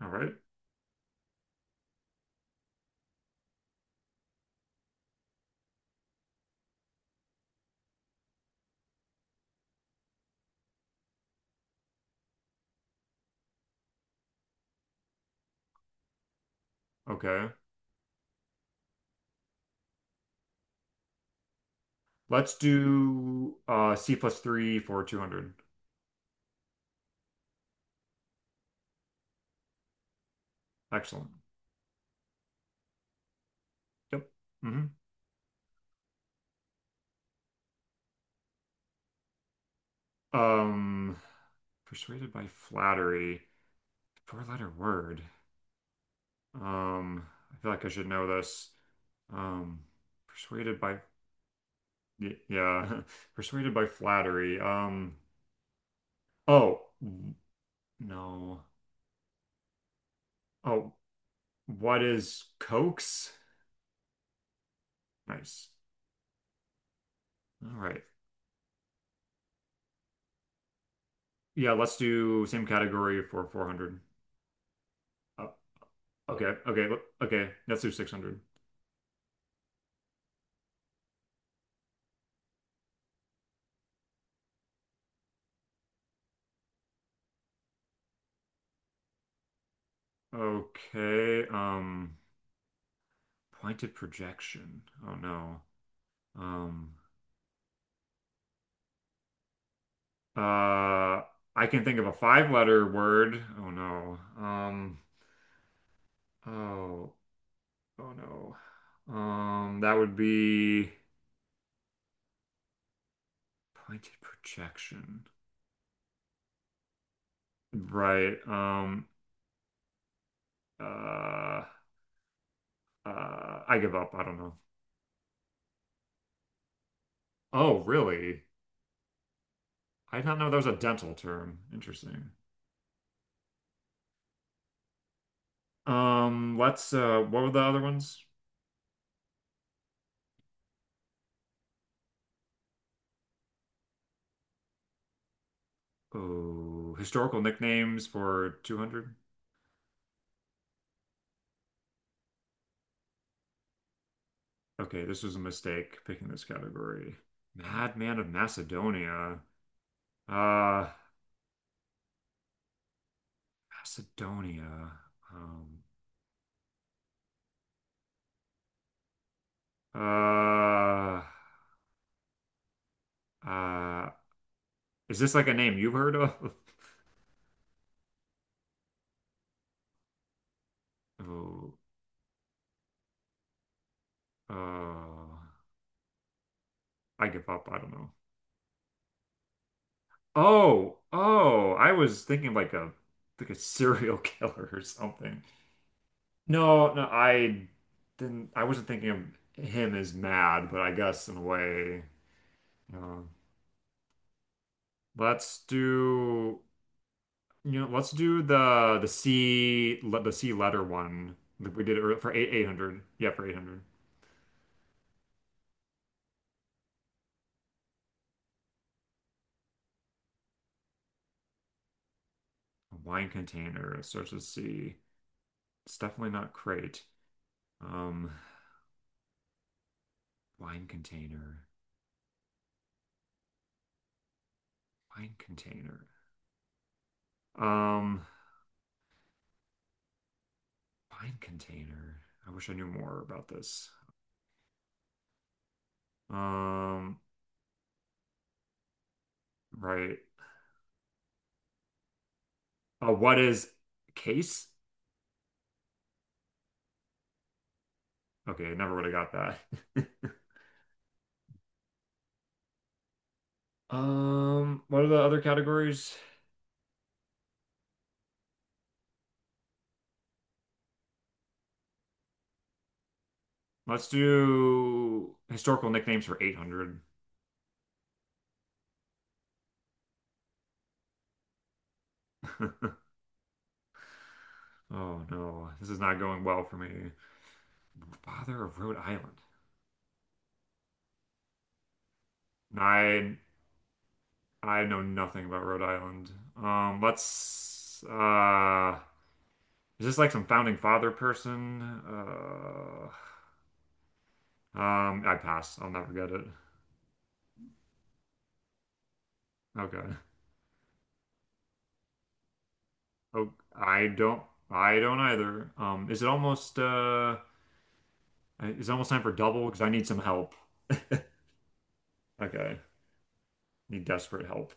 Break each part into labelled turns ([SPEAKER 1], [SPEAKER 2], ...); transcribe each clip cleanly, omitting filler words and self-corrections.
[SPEAKER 1] All right. Okay. Let's do C plus three for 200. Excellent. Yep. Hmm. Um, Persuaded by flattery. Four-letter word. Um, I feel like I should know this. Um, Persuaded by yeah, persuaded by flattery. Oh, no. Oh, what is coax? Nice. All right. Yeah, let's do same category for 400. Okay, okay, well, okay. Let's do 600. Okay, pointed projection. Oh no. Um, uh, I can think of a five-letter word. Oh no. Oh, oh no. That would be pointed projection. Right. Uh, I give up. I don't know. Oh, really? I did not know that was a dental term. Interesting. Let's what were the other ones? Oh, historical nicknames for 200? Okay, this was a mistake picking this category. Madman of Macedonia. Uh, Macedonia. Um, uh, uh, is this like a name you've heard of? Oh, uh, I give up. I don't know. Oh, oh, I was thinking like a serial killer or something. No, no, I didn't. I wasn't thinking of him as mad, but I guess in a way. Uh, let's do you know, let's do the the C letter one that we did for eight eight hundred. Yeah, for 800. A wine container, it starts with C. It's definitely not crate. Um, Wine container, wine container, um, wine container. I wish I knew more about this. Um, right. What is case? Okay, I never would have got that. What are the other categories? Let's do historical nicknames for 800. Oh no, this is not going well for me. Father of Rhode Island. I I know nothing about Rhode Island. Let's is this like some founding father person? I pass. I'll never get it. Okay. Oh, I don't. I don't either. Is it almost is it almost time for double? Because I need some help. Okay, need desperate help.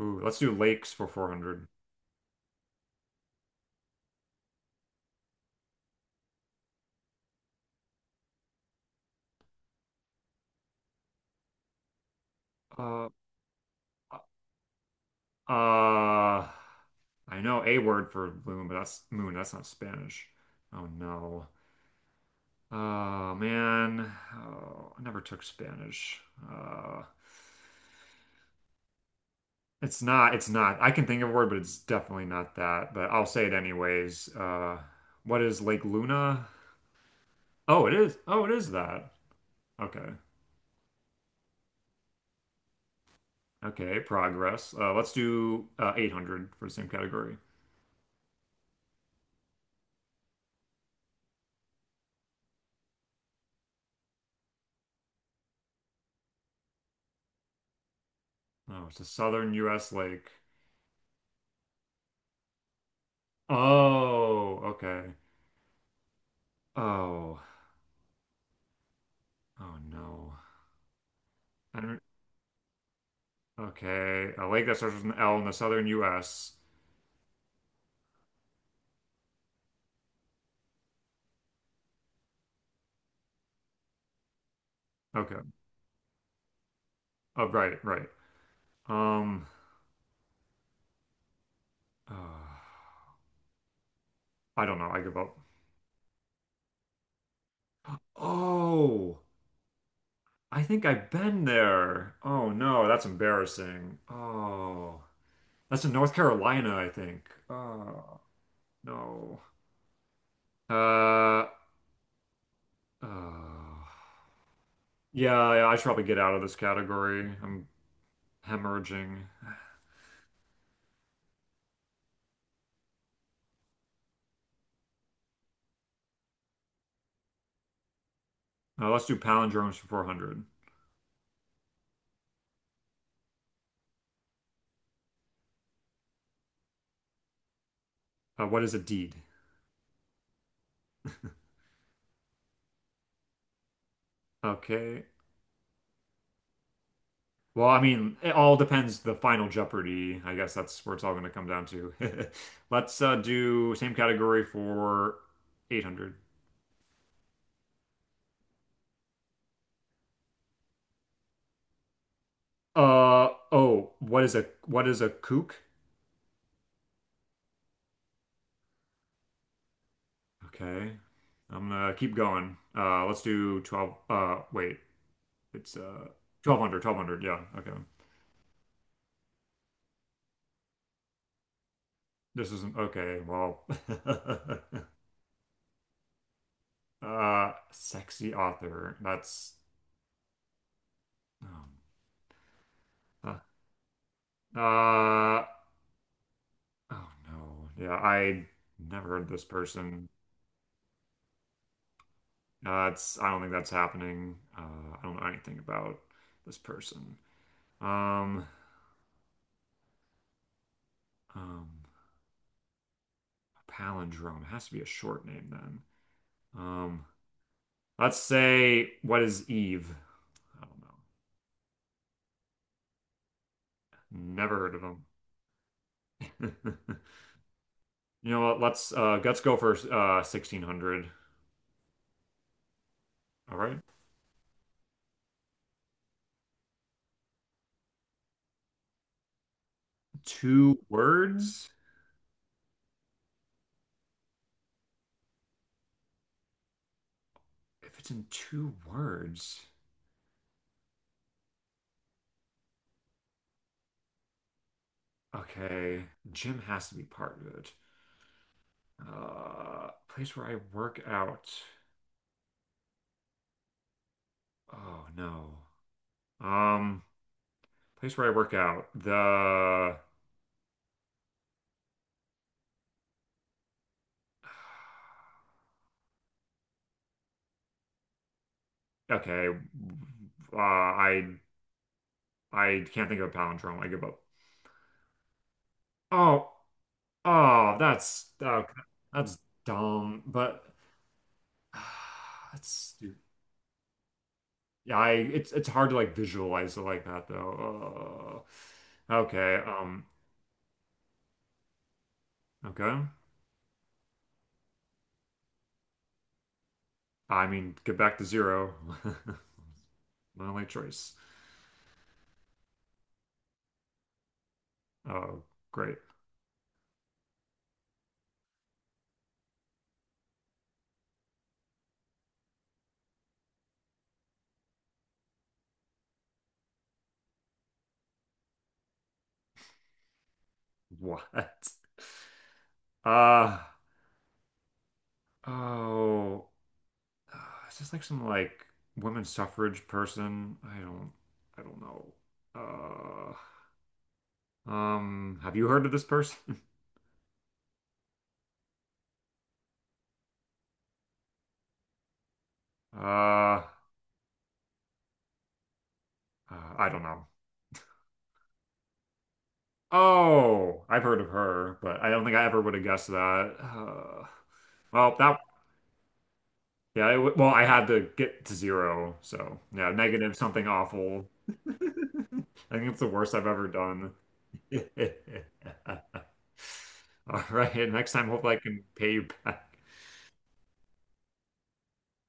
[SPEAKER 1] Ooh, let's do lakes for 400. Uh, uh, I know a word for moon, but that's moon. That's not Spanish. Oh no. Oh man. Oh, I never took Spanish. Uh, it's not. It's not. I can think of a word, but it's definitely not that. But I'll say it anyways. What is Lake Luna? Oh, it is. Oh, it is that. Okay. Okay. Progress. Let's do 800 for the same category. Oh, it's a southern U.S. lake. Oh, okay. Oh, oh no. I don't. Okay. A lake that starts with an L in the southern U.S. Okay. Oh, right, right. Um, uh, I don't know. I give up. Oh, I think I've been there. Oh no, that's embarrassing. Oh, that's in North Carolina, I think. Oh. No. Uh, uh, yeah, yeah, I should probably get out of this category. I'm hemorrhaging. Let's do palindromes for 400. What is a deed? Okay. Well, I mean, it all depends the final Jeopardy. I guess that's where it's all going to come down to. Let's do same category for 800. Uh oh, what is a kook? Okay. I'm gonna keep going. Let's do 12 wait. It's 1200, 1200. Yeah. Okay. This isn't okay. Well, sexy author. That's, um, uh, uh, oh no. Yeah, I never heard of this person. It's I don't think that's happening. I don't know anything about this person. Um, um, Palindrome. It has to be a short name then. Um, let's say, what is Eve? I don't know. Never heard of him. You know what? Let's go for 1600. All right. Two words? If it's in two words. Okay. Gym has to be part of it. Place where I work out. Oh no. Um Place where I work out. The. Okay. Uh I I can't think of a palindrome. I give up. Oh, oh, that's dumb, but that's stupid. Yeah, I it's hard to like visualize it like that though. Okay, okay. I mean, get back to zero. My only choice. Oh, great. What? Uh, oh, uh, is this like some, like, women's suffrage person? I don't know. Have you heard of this person? Uh, I don't know. Oh, I've heard of her, but I don't think I ever would have guessed that. Well, that yeah, well, I had to get to zero, so yeah, negative something awful. I think it's the worst I've ever done. All right, next time, hopefully I can pay you back.